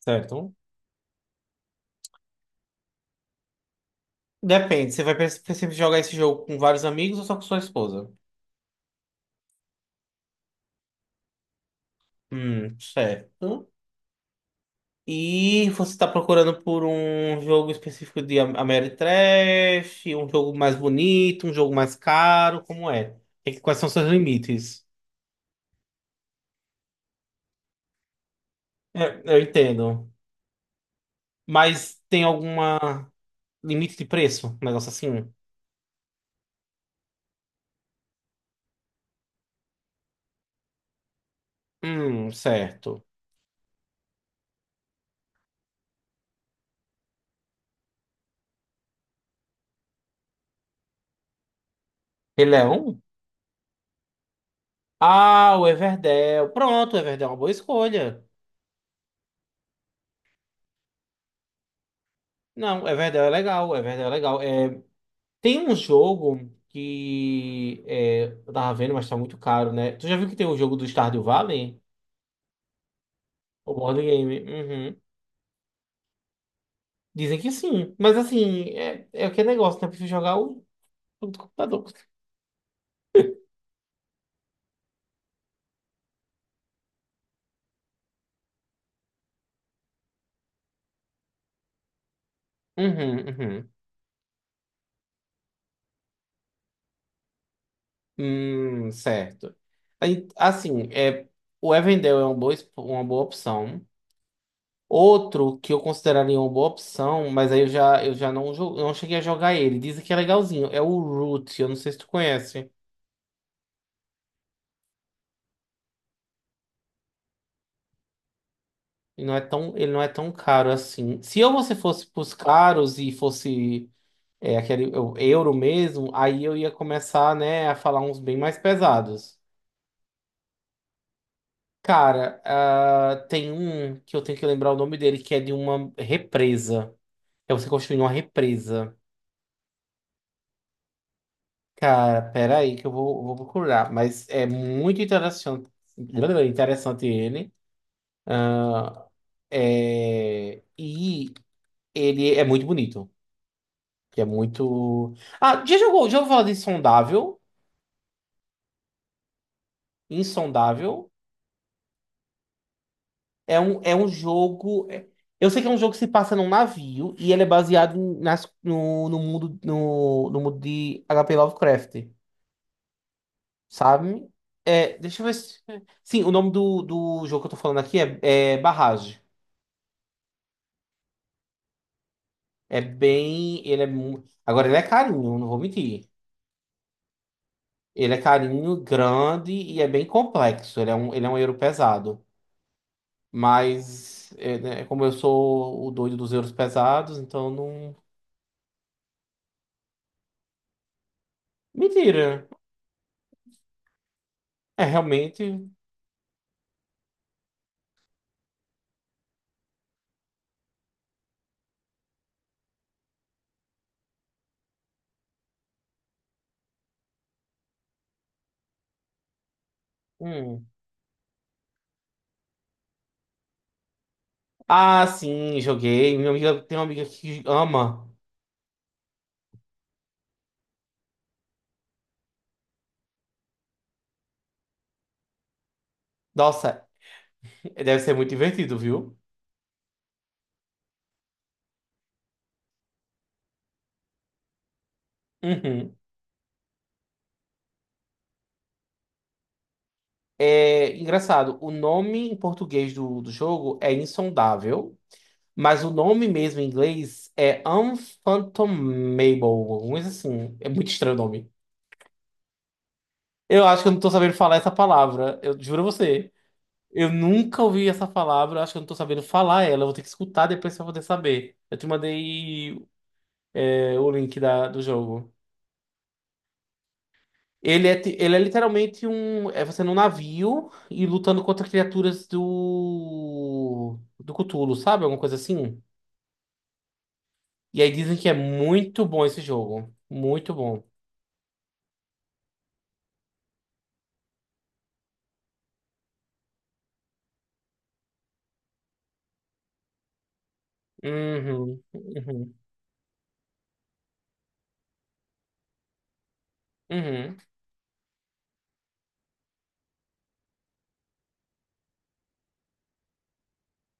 Certo? Depende, você vai sempre jogar esse jogo com vários amigos ou só com sua esposa? Certo. E você está procurando por um jogo específico de Ameritrash, um jogo mais bonito, um jogo mais caro, como é? Quais são seus limites? É, eu entendo. Mas tem alguma limite de preço? Um negócio assim? Certo. Ele é um? Ah, o Everdell. Pronto, o Everdell é uma boa escolha. Não, o Everdell é legal, o Everdell é legal. É, tem um jogo que é, eu tava vendo, mas tá muito caro, né? Tu já viu que tem um jogo do Stardew Valley? O board game? Uhum. Dizem que sim. Mas assim, é, é aquele negócio, né? Eu prefiro jogar o jogo do computador. Uhum, uhum. Certo. Aí, assim, é, o Evendel é uma boa, uma boa opção. Outro que eu consideraria uma boa opção, mas aí eu já não, eu não cheguei a jogar ele. Dizem que é legalzinho. É o Root, eu não sei se tu conhece. Ele não é tão, ele não é tão caro assim. Se eu você fosse pros caros e fosse é, aquele o euro mesmo, aí eu ia começar, né, a falar uns bem mais pesados. Cara, ah, tem um que eu tenho que lembrar o nome dele, que é de uma represa. É você construir uma represa. Cara, pera aí que eu vou, vou procurar. Mas é muito interessante, interessante ele. É, e ele é muito bonito. Que é muito. Ah, já jogou, já ouviu falar de Insondável? Insondável é um jogo. Eu sei que é um jogo que se passa num navio e ele é baseado nas, no, no mundo no, no mundo de HP Lovecraft, sabe? É, deixa eu ver se. Sim, o nome do jogo que eu tô falando aqui é, é Barrage. É bem. Ele é. Agora ele é carinho, não vou mentir. Ele é carinho, grande e é bem complexo. Ele é um euro pesado. Mas, é, né, como eu sou o doido dos euros pesados, então não. Mentira. É realmente. Hum. Ah, sim, joguei. Minha amiga tem uma amiga que ama. Nossa, deve ser muito divertido, viu? Uhum. É engraçado. O nome em português do jogo é Insondável, mas o nome mesmo em inglês é Unfathomable, alguma coisa assim. É muito estranho o nome. Eu acho que eu não tô sabendo falar essa palavra. Eu juro a você. Eu nunca ouvi essa palavra, acho que eu não tô sabendo falar ela. Eu vou ter que escutar depois pra poder saber. Eu te mandei, é, o link do jogo. Ele é, ele é literalmente um. É você num navio e lutando contra criaturas do. Do Cthulhu, sabe? Alguma coisa assim. E aí dizem que é muito bom esse jogo. Muito bom. Uhum, uhum, uhum.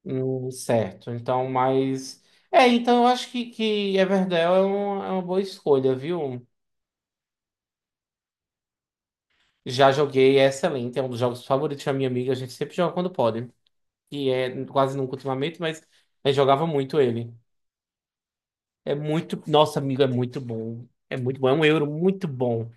Certo. Então, mas. É, então eu acho que Everdell é, um, é uma boa escolha, viu? Já joguei, é excelente, é um dos jogos favoritos da minha amiga, a gente sempre joga quando pode. E é quase nunca ultimamente, mas eu jogava muito ele. É muito. Nossa, amigo, é muito bom. É muito bom, é um euro muito bom.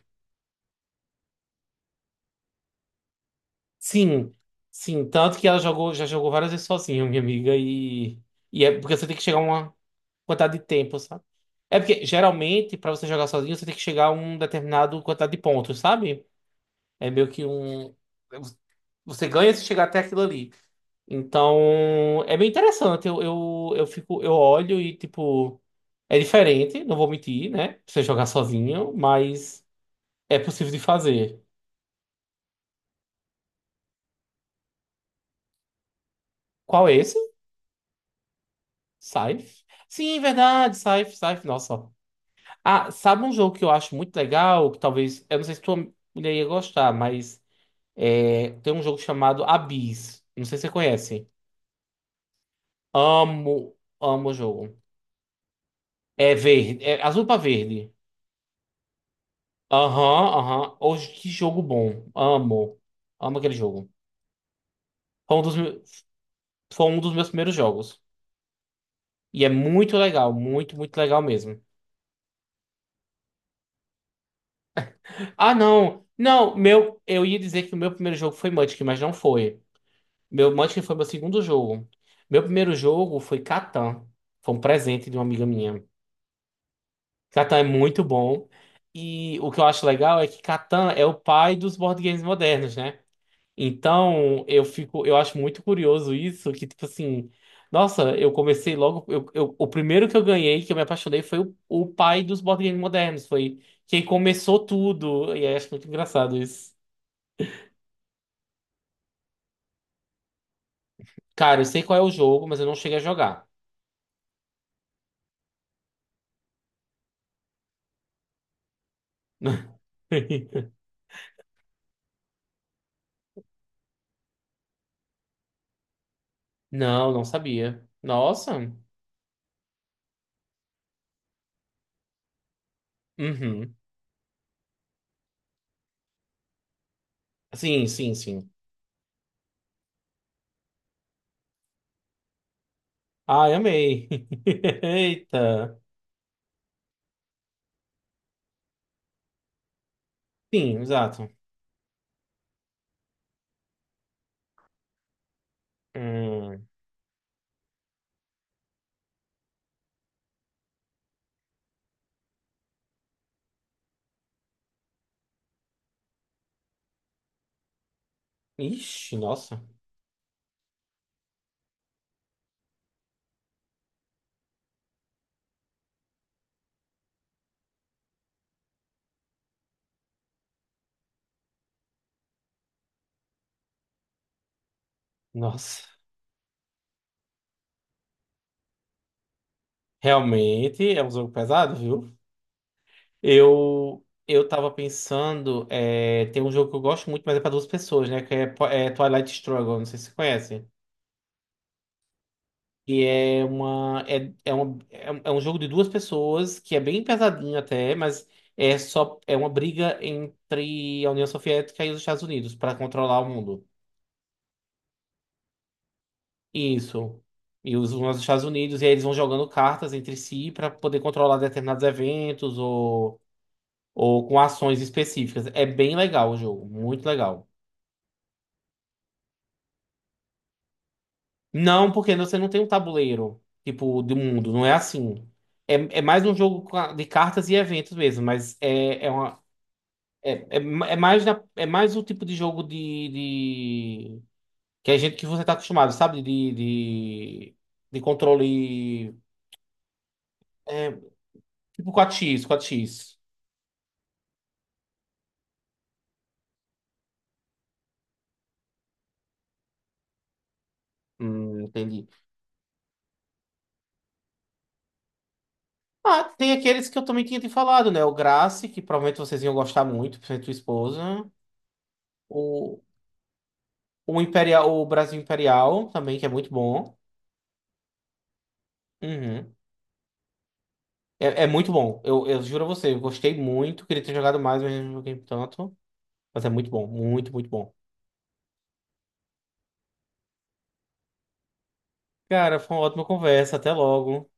Sim, sim. Tanto que ela jogou, já jogou várias vezes sozinha, minha amiga, e é porque você tem que chegar a uma quantidade de tempo, sabe? É porque geralmente, pra você jogar sozinho, você tem que chegar a um determinado quantidade de pontos, sabe? É meio que um. Você ganha se chegar até aquilo ali. Então, é bem interessante. Eu fico, eu olho e, tipo, é diferente, não vou mentir, né? Você jogar sozinho, mas é possível de fazer. Qual é esse? Scythe? Sim, verdade, Scythe, Scythe, nossa. Ah, sabe um jogo que eu acho muito legal, que talvez, eu não sei se tua mulher ia gostar, mas é, tem um jogo chamado Abyss. Não sei se você conhece. Amo, amo o jogo. É verde, é azul pra verde. Aham, aham. Hoje, que jogo bom. Amo. Amo aquele jogo. Foi um dos, foi um dos meus primeiros jogos. E é muito legal, muito, muito legal mesmo. Ah, não. Não, meu, eu ia dizer que o meu primeiro jogo foi Munchkin, mas não foi. Meu Munchkin foi meu segundo jogo. Meu primeiro jogo foi Catan. Foi um presente de uma amiga minha. Catan é muito bom. E o que eu acho legal é que Catan é o pai dos board games modernos, né? Então, eu fico, eu acho muito curioso isso, que tipo assim, nossa, eu comecei logo, eu o primeiro que eu ganhei, que eu me apaixonei, foi o pai dos board games modernos, foi quem começou tudo, e aí acho muito engraçado isso. Cara, eu sei qual é o jogo, mas eu não cheguei a jogar. Não, não sabia. Nossa. Uhum. Sim, sim, sim. Ai, amei. Eita. Sim, exato. Hum. Ixi, nossa. Nossa. Realmente é um jogo pesado, viu? Eu eu tava pensando, é, tem um jogo que eu gosto muito, mas é pra duas pessoas, né? Que é, é Twilight Struggle, não sei se você conhece. E é, uma, é um jogo de duas pessoas que é bem pesadinho até, mas é só é uma briga entre a União Soviética e os Estados Unidos pra controlar o mundo. Isso. E os Estados Unidos, e aí eles vão jogando cartas entre si pra poder controlar determinados eventos ou com ações específicas. É bem legal o jogo, muito legal. Não, porque você não tem um tabuleiro, tipo, do mundo, não é assim. É, é mais um jogo de cartas e eventos mesmo, mas é, é uma. É, é, é mais é mais o tipo de jogo de, de- que a gente que você tá acostumado, sabe? De controle é, tipo 4x, 4x. Entendi. Ah, tem aqueles que eu também tinha te falado, né? O Grace, que provavelmente vocês iam gostar muito, principalmente tua esposa. O Imperial, o Brasil Imperial também, que é muito bom. Uhum. É, é muito bom. Eu juro a você, eu gostei muito. Queria ter jogado mais, mas não joguei tanto. Mas é muito bom, muito, muito bom. Cara, foi uma ótima conversa. Até logo.